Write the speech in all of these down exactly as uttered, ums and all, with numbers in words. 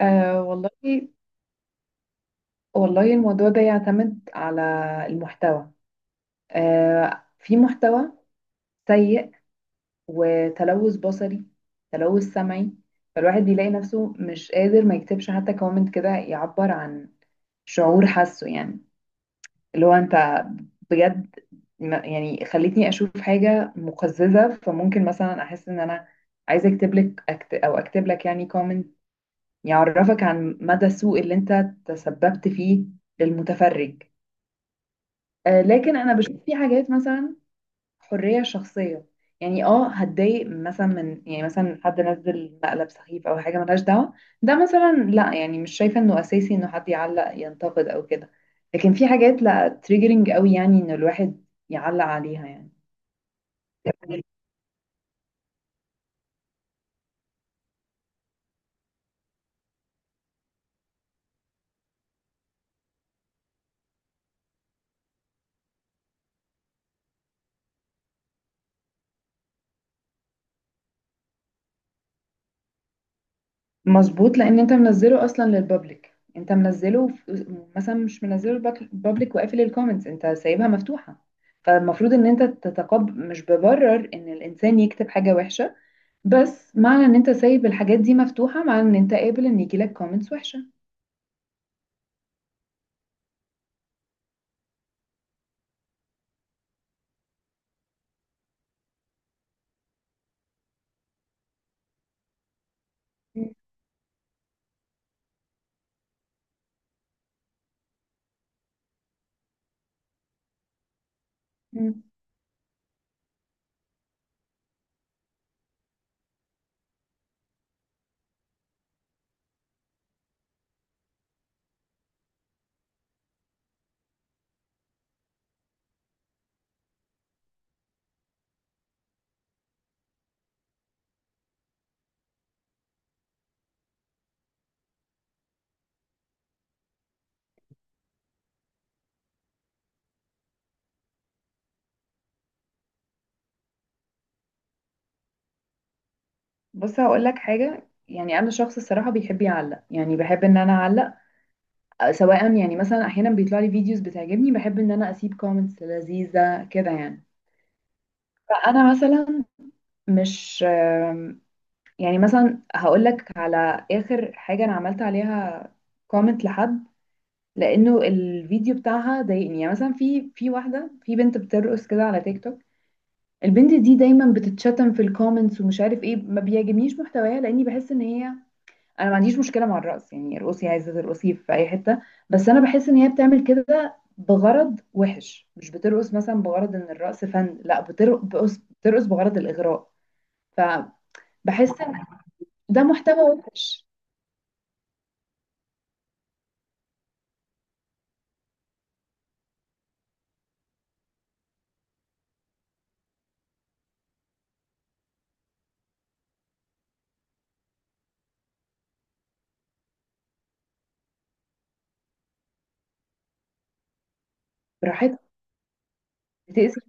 أه والله والله الموضوع ده يعتمد على المحتوى. أه في محتوى سيء، وتلوث بصري، تلوث سمعي. فالواحد بيلاقي نفسه مش قادر ما يكتبش حتى كومنت كده يعبر عن شعور حاسه، يعني اللي هو انت بجد ما- يعني خلتني اشوف حاجة مقززة. فممكن مثلا احس ان انا عايزة اكتب لك أكت او اكتب لك يعني كومنت يعرفك عن مدى السوء اللي انت تسببت فيه للمتفرج. آه، لكن انا بشوف في حاجات، مثلا حريه شخصيه، يعني اه هتضايق مثلا من، يعني مثلا حد نزل مقلب سخيف او حاجه ملهاش دعوه، ده مثلا لا، يعني مش شايفه انه اساسي انه حد يعلق ينتقد او كده. لكن في حاجات لا تريجرنج قوي، يعني ان الواحد يعلق عليها يعني. مظبوط، لان انت منزله اصلا للبابليك. انت منزله في- مثلا مش منزله للبابليك وقافل الكومنتس، انت سايبها مفتوحه. فالمفروض ان انت تتقبل. مش ببرر ان الانسان يكتب حاجه وحشه، بس معنى ان انت سايب الحاجات دي مفتوحة، معنى ان انت قابل ان يجيلك كومنتس وحشة. مم. بص، هقول لك حاجة. يعني انا شخص الصراحة بيحب يعلق، يعني بحب ان انا اعلق. أه، سواء يعني مثلا احيانا بيطلع لي فيديوز بتعجبني، بحب ان انا اسيب كومنتس لذيذة كده يعني. فانا مثلا مش آم، يعني مثلا هقول لك على اخر حاجة انا عملت عليها كومنت لحد، لانه الفيديو بتاعها ضايقني. يعني مثلا في في واحدة، في بنت بترقص كده على تيك توك. البنت دي دايما بتتشتم في الكومنتس. ومش عارف ايه، ما بيعجبنيش محتواها، لاني بحس ان هي، انا ما عنديش مشكله مع الرقص، يعني ارقصي، عايزه ترقصي في اي حته. بس انا بحس ان هي بتعمل كده بغرض وحش. مش بترقص مثلا بغرض ان الرقص فن، لا، بتر- بترقص بترقص بغرض الاغراء. فبحس ان ده محتوى وحش. براحتها بتأذي.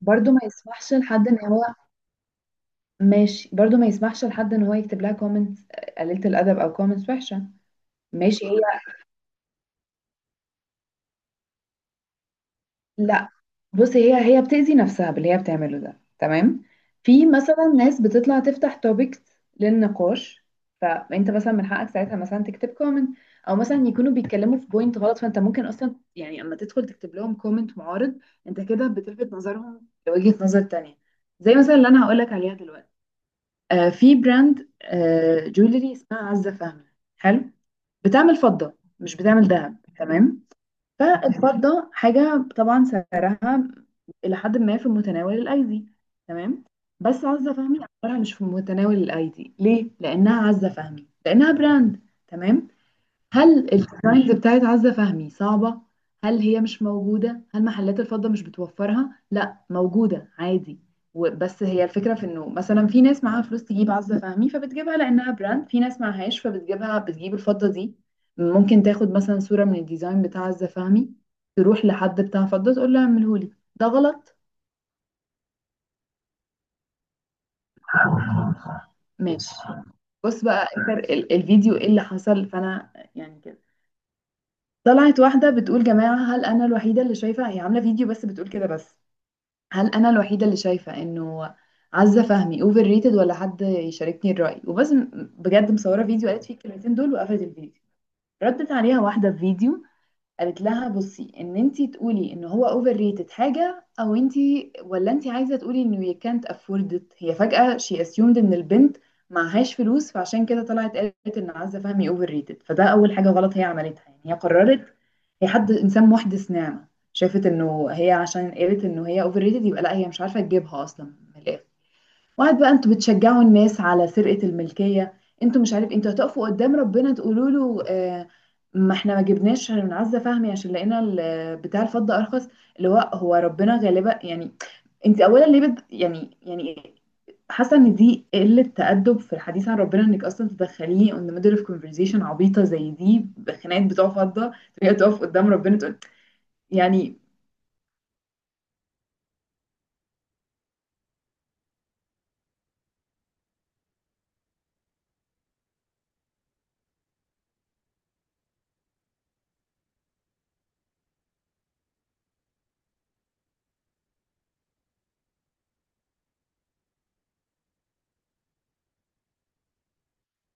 برضو ما يسمحش لحد ان هو، ماشي، برضو ما يسمحش لحد ان هو يكتب لها كومنتس قليله الادب او كومنتس وحشه. ماشي. هي بصي هي هي بتأذي نفسها باللي هي بتعمله ده، تمام. في مثلا ناس بتطلع تفتح توبكس للنقاش، فانت مثلا من حقك ساعتها مثلا تكتب كومنت. او مثلا يكونوا بيتكلموا في بوينت غلط، فانت ممكن اصلا، يعني اما تدخل تكتب لهم كومنت معارض، انت كده بتلفت نظرهم لوجهة نظر تانية. زي مثلا اللي انا هقول لك عليها دلوقتي. آه، في براند آه جولري اسمها عزة فهمي. حلو. بتعمل فضة، مش بتعمل ذهب، تمام. فالفضة حاجة طبعا سعرها إلى حد ما في متناول الأيدي، تمام. بس عزة فهمي أسعارها مش في متناول الأيدي. ليه؟ لأنها عزة فهمي، لأنها براند، تمام. هل الديزاينز بتاعت عزة فهمي صعبة؟ هل هي مش موجودة؟ هل محلات الفضة مش بتوفرها؟ لا، موجودة عادي. و- بس هي الفكرة في انه مثلا في ناس معاها فلوس تجيب عزة فهمي، فبتجيبها لأنها براند. في ناس معهاش، فبتجيبها، بتجيب الفضة دي. ممكن تاخد مثلا صورة من الديزاين بتاع عزة فهمي، تروح لحد بتاع فضة تقول له اعملهولي. ده غلط، ماشي. بص بقى انت، ال- الفيديو ايه اللي حصل، فانا يعني كده طلعت واحدة بتقول، جماعة هل أنا الوحيدة اللي شايفة، هي عاملة فيديو بس بتقول كده بس، هل أنا الوحيدة اللي شايفة إنه عزة فهمي اوفر ريتد، ولا حد يشاركني الرأي؟ وبس. م- بجد مصورة فيديو قالت فيه الكلمتين دول وقفلت الفيديو. ردت عليها واحدة في فيديو، قالت لها بصي، ان انتي تقولي ان هو اوفر ريتد حاجه، او انتي، ولا انتي عايزه تقولي انه you can't afford it. هي فجاه she assumed ان البنت معهاش فلوس، فعشان كده طلعت قالت ان عزه فهمي اوفر ريتد. فده اول حاجه غلط هي عملتها، يعني هي قررت هي، حد انسان محدث نعمه شافت انه هي، عشان قالت انه هي اوفر ريتد، يبقى لا، هي مش عارفه تجيبها اصلا، من الاخر. وقعد بقى انتوا بتشجعوا الناس على سرقة الملكية. انتوا مش، عارف انتوا هتقفوا قدام ربنا تقولوا له، آه ما احنا ما جبناش من عزة فهمي عشان لقينا ال- بتاع الفضة ارخص، اللي هو هو ربنا غالبا يعني. انت اولا ليه بد يعني، يعني حاسه ان دي قله تأدب في الحديث عن ربنا، انك اصلا تدخليه on the middle of conversation عبيطه زي دي، بخناقات بتوع فضه، تبقى تقف قدام ربنا تقول يعني.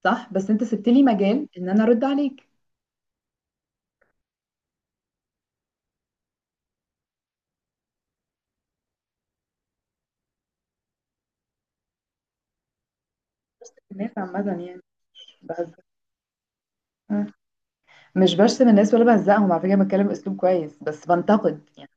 صح، بس انت سبت لي مجال ان انا ارد عليك. الناس عامه يعني، بهزر، مش برسم الناس ولا بهزقهم، على فكرة بتكلم اسلوب كويس بس بنتقد يعني.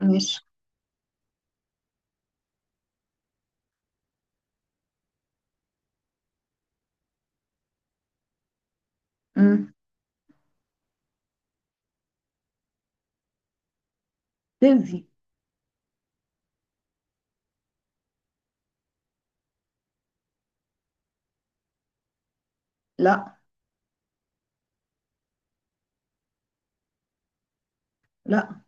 مش مم. تأذي. لا. لا،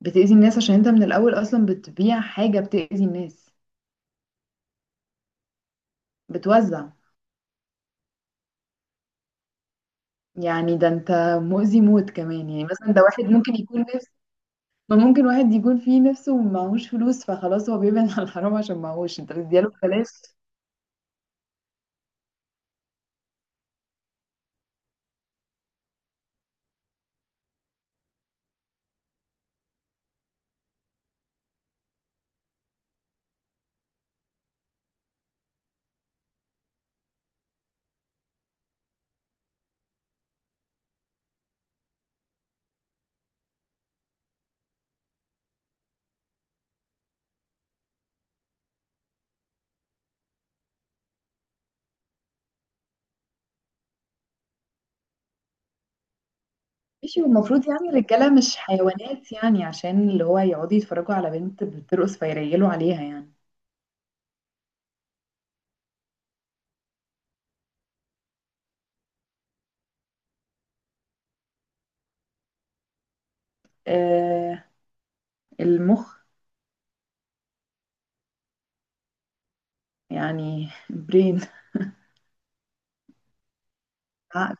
بتأذي الناس عشان انت من الأول أصلا بتبيع حاجة بتأذي الناس. بتوزع، يعني ده انت مؤذي موت كمان. يعني مثلا ده واحد ممكن يكون نفس، ما ممكن واحد يكون فيه نفسه ومعهوش فلوس، فخلاص هو بيبعد عن الحرام عشان معهوش، انت بتديله ببلاش. ماشي، والمفروض يعني الرجالة مش حيوانات يعني، عشان اللي هو يقعدوا يتفرجوا على بنت بترقص فيريلوا عليها يعني. آه. المخ. يعني برين. عقل.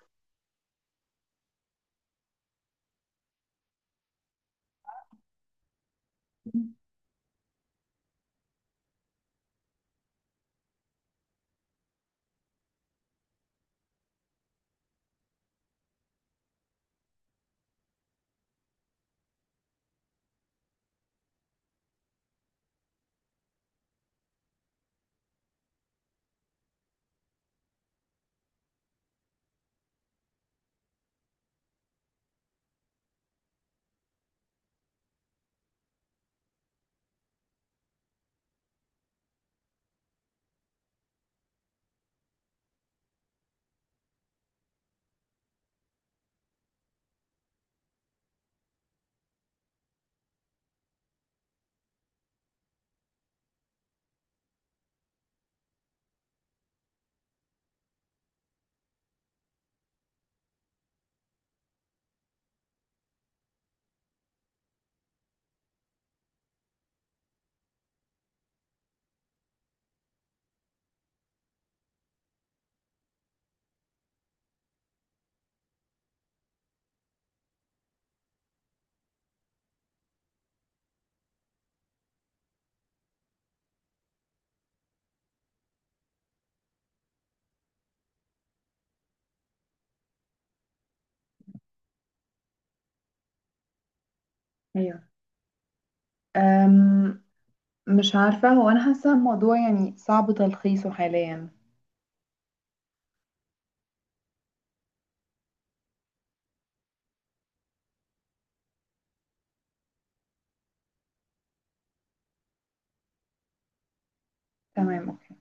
ايوه. أم مش عارفة، هو انا حاسة الموضوع يعني صعب تلخيصه حاليا. تمام، اوكي.